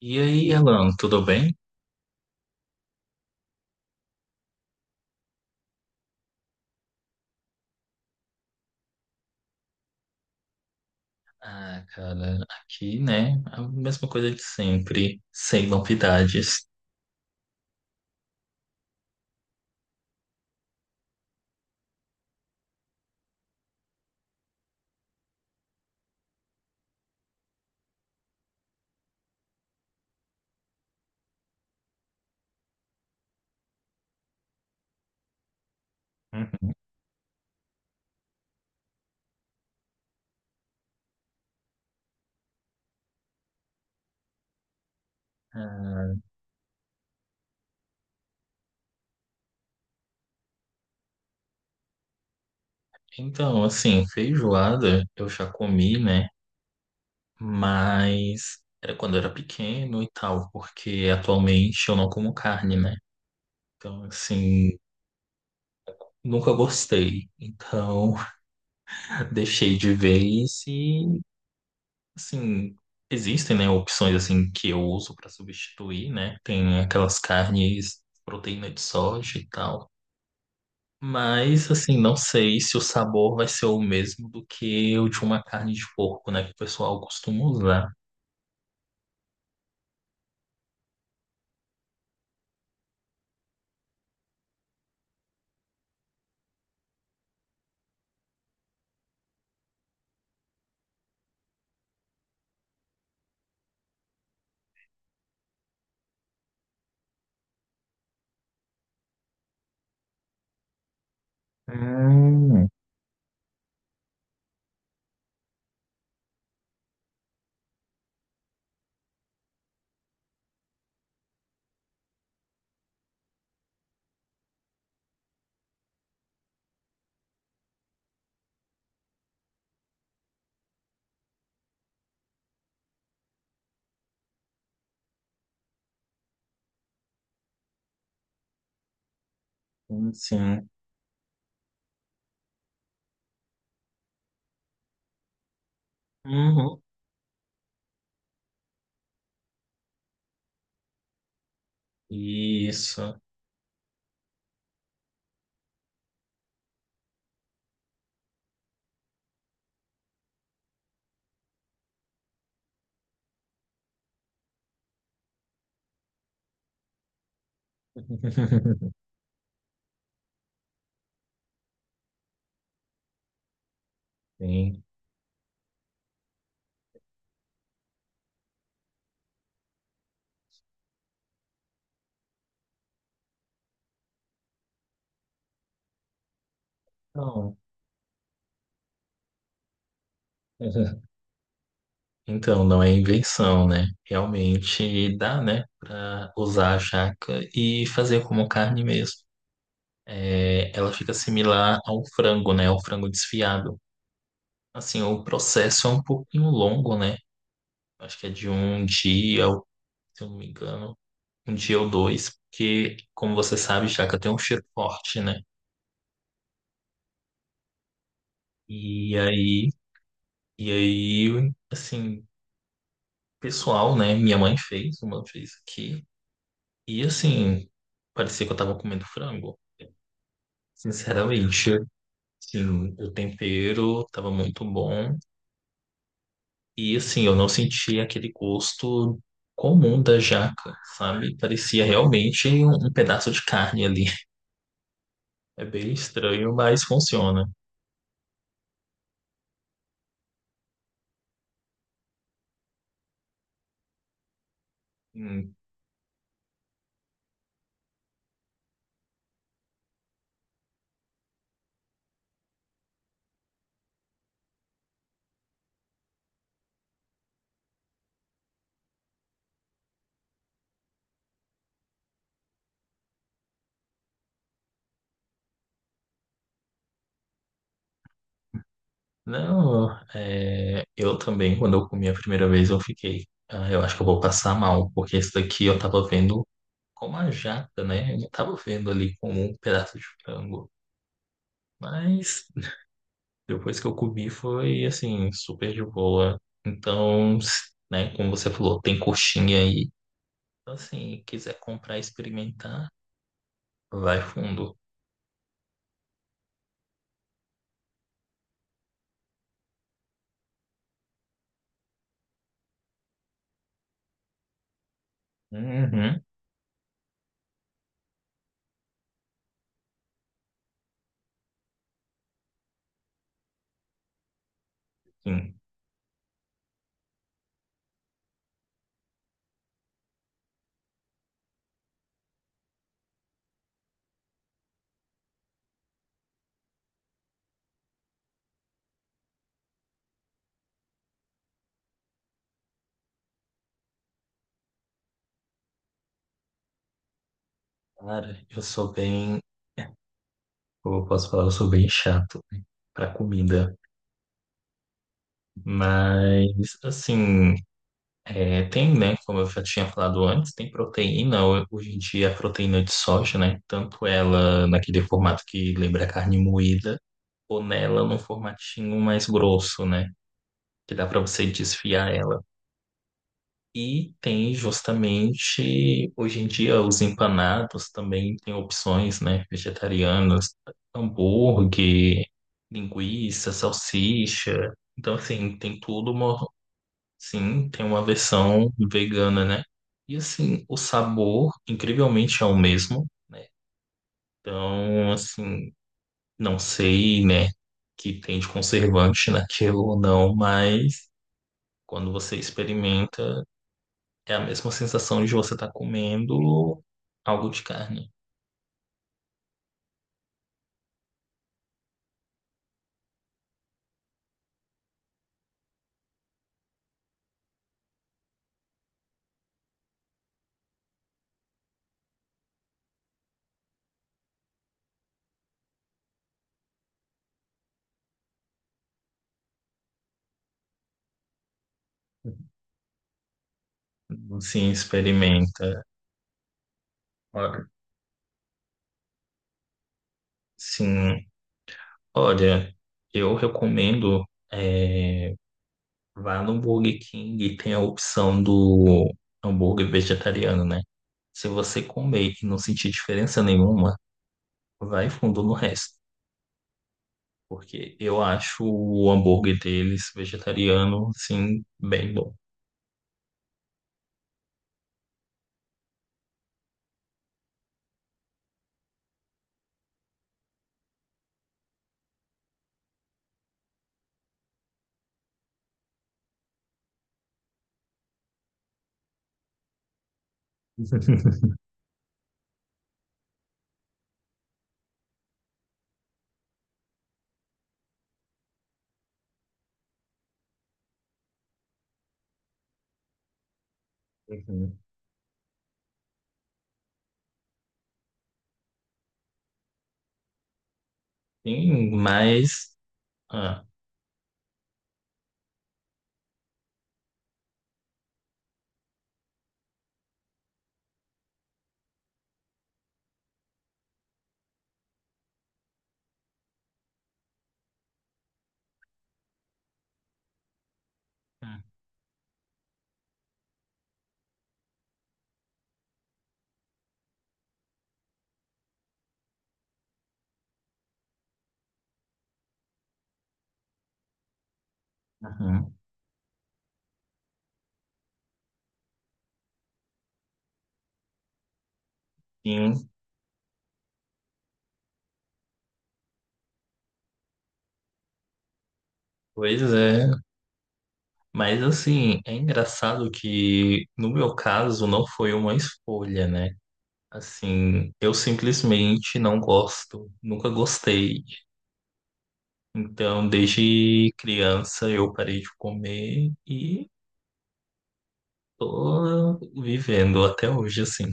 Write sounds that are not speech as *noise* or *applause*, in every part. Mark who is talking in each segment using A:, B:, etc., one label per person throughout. A: E aí, Alan, tudo bem? Ah, cara, aqui, né? A mesma coisa de sempre, sem novidades. Uhum. Ah, então, assim, feijoada eu já comi, né? Mas era quando eu era pequeno e tal, porque atualmente eu não como carne, né? Então, assim, nunca gostei. Então, *laughs* deixei de vez e assim, existem, né, opções assim que eu uso para substituir, né? Tem aquelas carnes, proteína de soja e tal. Mas assim, não sei se o sabor vai ser o mesmo do que o de uma carne de porco, né, que o pessoal costuma usar. Hum, sim. Sim. Uhum. Isso. *laughs* Sim. Então, *laughs* então, não é invenção, né? Realmente dá, né, para usar a jaca e fazer como carne mesmo. É, ela fica similar ao frango, né? Ao frango desfiado. Assim, o processo é um pouquinho longo, né? Acho que é de um dia, ou- se eu não me engano, um dia ou dois, porque, como você sabe, jaca tem um cheiro forte, né? E aí, e aí, assim, pessoal, né? Minha mãe fez, uma fez aqui. E assim, parecia que eu tava comendo frango. Sinceramente, assim, o tempero tava muito bom. E assim, eu não senti aquele gosto comum da jaca, sabe? Parecia realmente um pedaço de carne ali. É bem estranho, mas funciona. Hum, Não, é, eu também, quando eu comi a primeira vez, eu fiquei. "Ah, eu acho que eu vou passar mal, porque esse daqui eu tava vendo como a jaca, né? Eu não tava vendo ali como um pedaço de frango. Mas depois que eu comi, foi assim, super de boa. Então, né, como você falou, tem coxinha aí. Então, assim, quiser comprar e experimentar, vai fundo. Uhum, sim. Cara, eu sou bem, eu posso falar, eu sou bem chato para comida. Mas, assim, é, tem, né? Como eu já tinha falado antes, tem proteína. Hoje em dia, a proteína de soja, né? Tanto ela naquele formato que lembra carne moída, ou nela num formatinho mais grosso, né? Que dá para você desfiar ela. E tem justamente, hoje em dia, os empanados também têm opções, né, vegetarianas, hambúrguer, linguiça, salsicha. Então, assim, tem tudo uma, sim, tem uma versão vegana, né? E, assim, o sabor, incrivelmente, é o mesmo, né? Então, assim, não sei, né, que tem de conservante *laughs* naquilo ou não, mas quando você experimenta, é a mesma sensação de você estar comendo algo de carne. Sim, experimenta. Olha, sim, olha, eu recomendo é, vá no Burger King e tem a opção do hambúrguer vegetariano, né? Se você comer e não sentir diferença nenhuma, vai fundo no resto, porque eu acho o hambúrguer deles vegetariano, sim, bem bom. *laughs* Uhum. Sim, mas ah, uhum. Sim, pois é, mas assim, é engraçado que no meu caso não foi uma escolha, né? Assim, eu simplesmente não gosto, nunca gostei. Então, desde criança eu parei de comer e tô vivendo até hoje assim.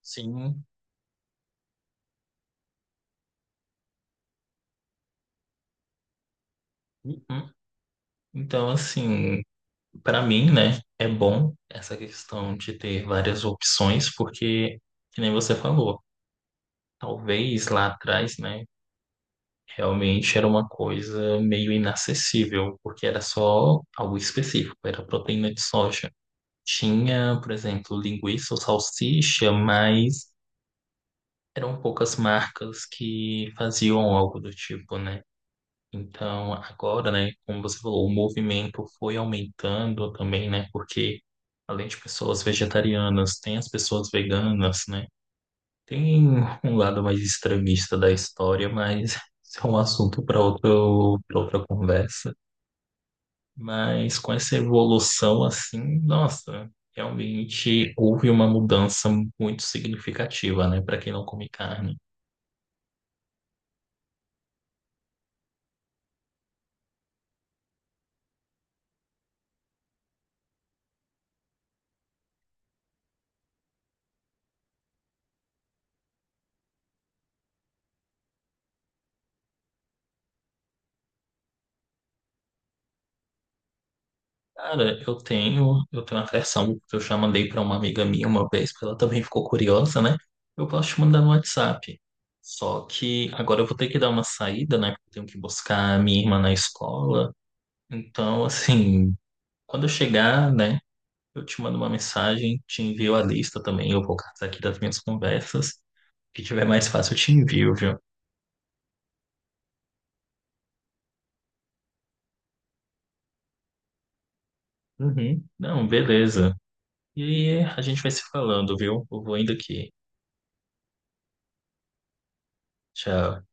A: Sim. Uhum. Então, assim, para mim, né, é bom essa questão de ter várias opções, porque, que nem você falou, talvez lá atrás, né? Realmente era uma coisa meio inacessível, porque era só algo específico, era proteína de soja. Tinha, por exemplo, linguiça ou salsicha, mas eram poucas marcas que faziam algo do tipo, né? Então, agora, né, como você falou, o movimento foi aumentando também, né? Porque além de pessoas vegetarianas, tem as pessoas veganas, né? Tem um lado mais extremista da história, mas *laughs* isso é um assunto para outro, para outra conversa. Mas com essa evolução, assim, nossa, realmente houve uma mudança muito significativa, né, para quem não come carne. Cara, eu tenho uma versão que eu já mandei para uma amiga minha uma vez, porque ela também ficou curiosa, né? Eu posso te mandar no WhatsApp. Só que agora eu vou ter que dar uma saída, né? Porque eu tenho que buscar a minha irmã na escola. Então, assim, quando eu chegar, né, eu te mando uma mensagem, te envio a lista também, eu vou catar aqui das minhas conversas. O que tiver mais fácil, eu te envio, viu? Uhum. Não, beleza. E aí, a gente vai se falando, viu? Eu vou indo aqui. Tchau.